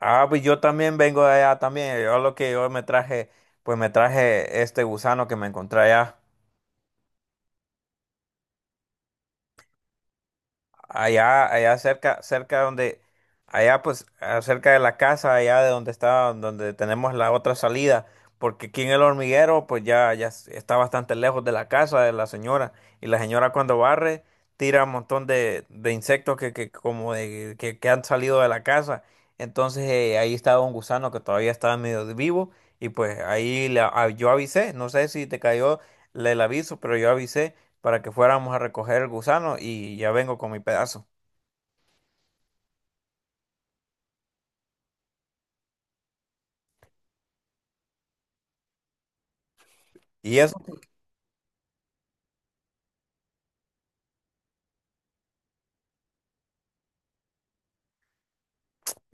Ah, pues yo también vengo de allá también. Yo lo que yo me traje, pues me traje este gusano que me encontré allá. Allá cerca, cerca donde, allá pues, cerca de la casa, allá de donde está, donde tenemos la otra salida, porque aquí en el hormiguero, pues está bastante lejos de la casa de la señora, y la señora cuando barre, tira un montón de insectos que han salido de la casa, entonces ahí estaba un gusano que todavía estaba medio vivo, y pues yo avisé, no sé si te cayó el aviso, pero yo avisé, para que fuéramos a recoger el gusano y ya vengo con mi pedazo. Y eso,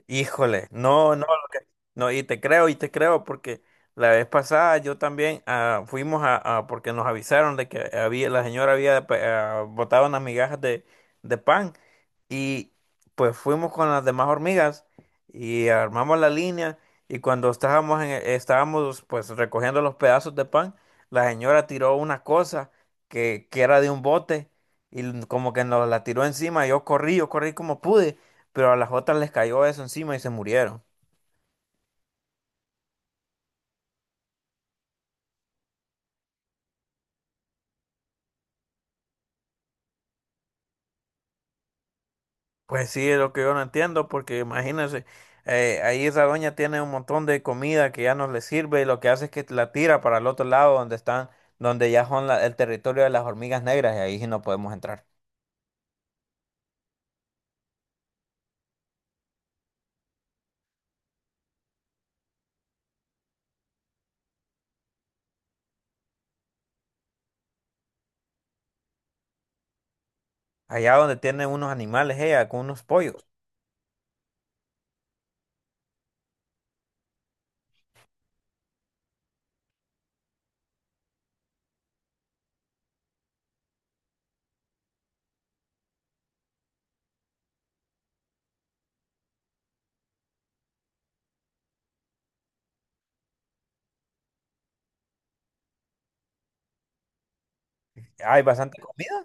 híjole, no, no, no, y te creo, porque la vez pasada yo también fuimos porque nos avisaron de que había, la señora había botado unas migajas de pan. Y pues fuimos con las demás hormigas y armamos la línea y cuando estábamos pues recogiendo los pedazos de pan, la señora tiró una cosa que era de un bote y como que nos la tiró encima. Yo corrí como pude, pero a las otras les cayó eso encima y se murieron. Pues sí, es lo que yo no entiendo, porque imagínense, ahí esa doña tiene un montón de comida que ya no le sirve y lo que hace es que la tira para el otro lado donde están, donde ya son el territorio de las hormigas negras y ahí sí no podemos entrar. Allá donde tiene unos animales ella, con unos pollos, hay bastante comida.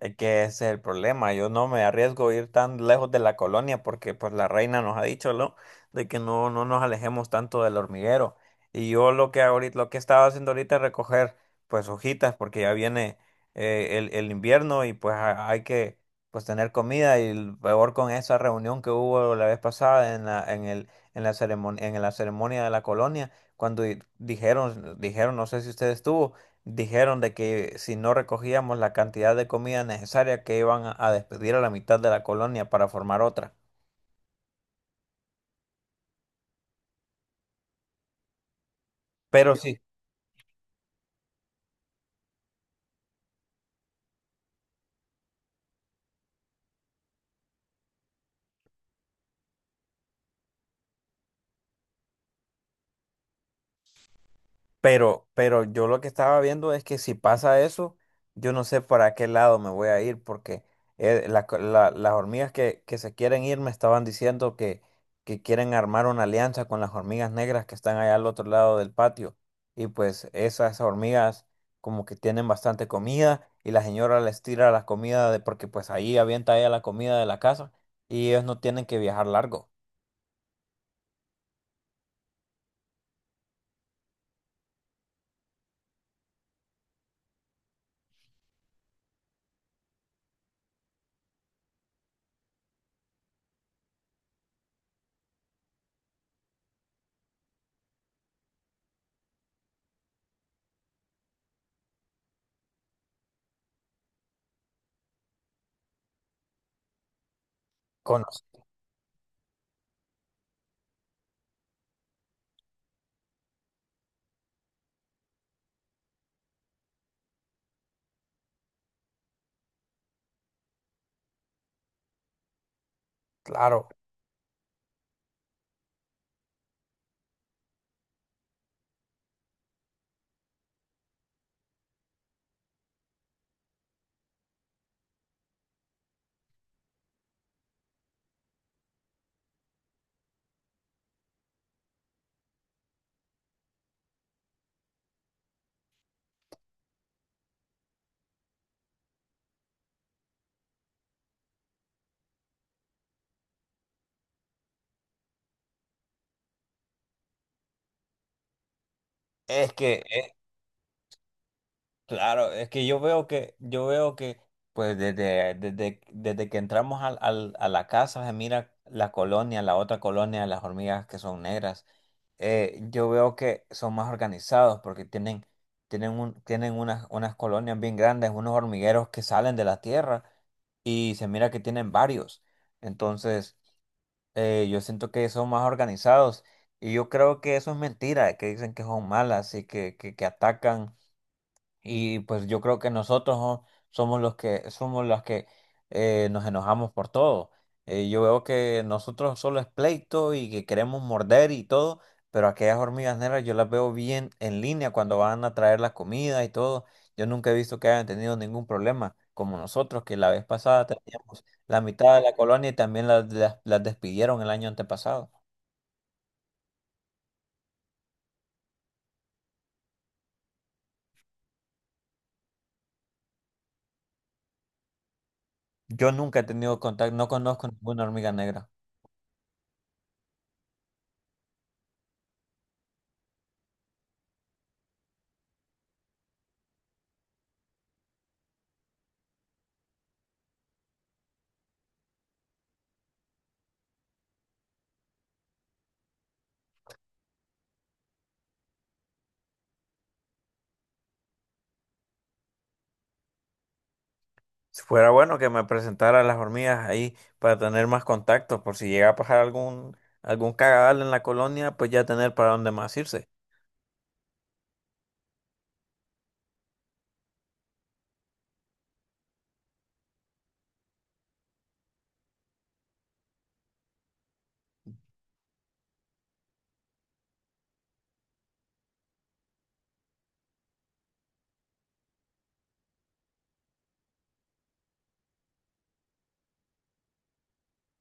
Es que ese es el problema. Yo no me arriesgo a ir tan lejos de la colonia porque pues la reina nos ha dicho, ¿no? De que no, no nos alejemos tanto del hormiguero. Y yo lo que ahorita, lo que estaba haciendo ahorita es recoger pues hojitas porque ya viene el invierno y pues hay que pues tener comida y el peor con esa reunión que hubo la vez pasada en en la ceremonia de la colonia cuando dijeron, dijeron, no sé si usted estuvo. Dijeron de que si no recogíamos la cantidad de comida necesaria que iban a despedir a la mitad de la colonia para formar otra. Pero sí, pero yo lo que estaba viendo es que si pasa eso, yo no sé para qué lado me voy a ir, porque las hormigas que se quieren ir me estaban diciendo que quieren armar una alianza con las hormigas negras que están allá al otro lado del patio. Y pues esas hormigas como que tienen bastante comida y la señora les tira la comida de, porque pues ahí avienta ella la comida de la casa y ellos no tienen que viajar largo. Con, claro, es que claro, es que yo veo que, pues desde que entramos a la casa, se mira la colonia, la otra colonia, las hormigas que son negras. Eh, yo veo que son más organizados porque tienen tienen unas colonias bien grandes, unos hormigueros que salen de la tierra y se mira que tienen varios. Entonces, yo siento que son más organizados y yo creo que eso es mentira, que dicen que son malas y que atacan. Y pues yo creo que somos los que nos enojamos por todo. Yo veo que nosotros solo es pleito y que queremos morder y todo, pero aquellas hormigas negras yo las veo bien en línea cuando van a traer la comida y todo. Yo nunca he visto que hayan tenido ningún problema, como nosotros, que la vez pasada teníamos la mitad de la colonia y también las despidieron el año antepasado. Yo nunca he tenido contacto, no conozco ninguna hormiga negra. Si fuera bueno que me presentara a las hormigas ahí para tener más contactos, por si llega a pasar algún, algún cagadal en la colonia, pues ya tener para dónde más irse.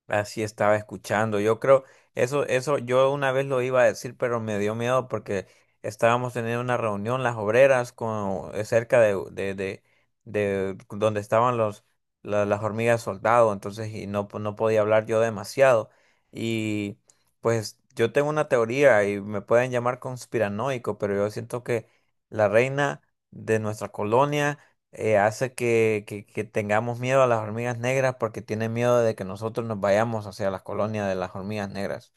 Así estaba escuchando. Yo creo, eso, yo una vez lo iba a decir, pero me dio miedo porque estábamos teniendo una reunión, las obreras, con, cerca de donde estaban los, las hormigas soldado, entonces, y no, no podía hablar yo demasiado. Y pues yo tengo una teoría y me pueden llamar conspiranoico, pero yo siento que la reina de nuestra colonia hace que tengamos miedo a las hormigas negras porque tienen miedo de que nosotros nos vayamos hacia las colonias de las hormigas negras.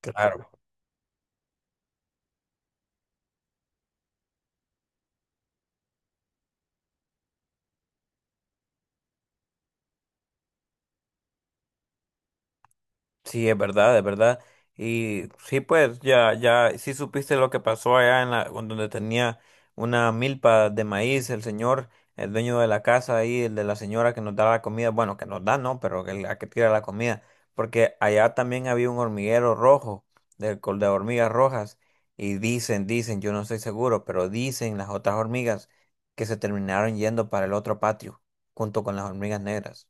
Claro. Sí, es verdad, es verdad. Y sí, pues ya, ya, sí supiste lo que pasó allá en la, con donde tenía una milpa de maíz, el señor, el dueño de la casa ahí, el de la señora que nos da la comida, bueno, que nos da, no, pero que la que tira la comida, porque allá también había un hormiguero rojo, de, de hormigas rojas, y dicen, dicen, yo no estoy seguro, pero dicen las otras hormigas que se terminaron yendo para el otro patio, junto con las hormigas negras.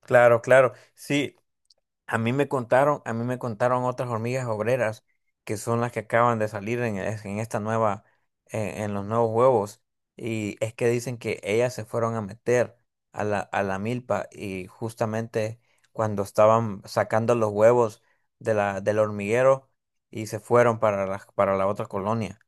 Claro, claro, sí. A mí me contaron, a mí me contaron otras hormigas obreras que son las que acaban de salir en esta nueva, en los nuevos huevos. Y es que dicen que ellas se fueron a meter a la milpa y justamente cuando estaban sacando los huevos de la, del hormiguero y se fueron para para la otra colonia.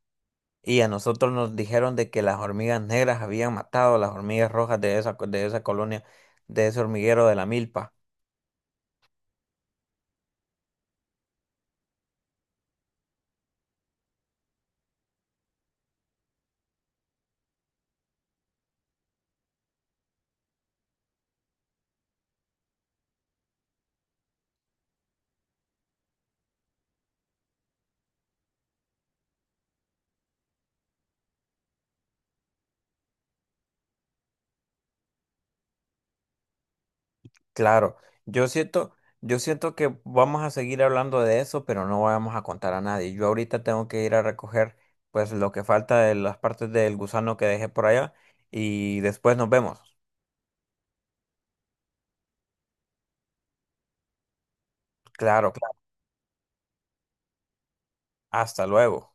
Y a nosotros nos dijeron de que las hormigas negras habían matado a las hormigas rojas de esa colonia, de ese hormiguero de la milpa. Claro, yo siento que vamos a seguir hablando de eso, pero no vamos a contar a nadie. Yo ahorita tengo que ir a recoger pues lo que falta de las partes del gusano que dejé por allá y después nos vemos. Claro, claro. Hasta luego.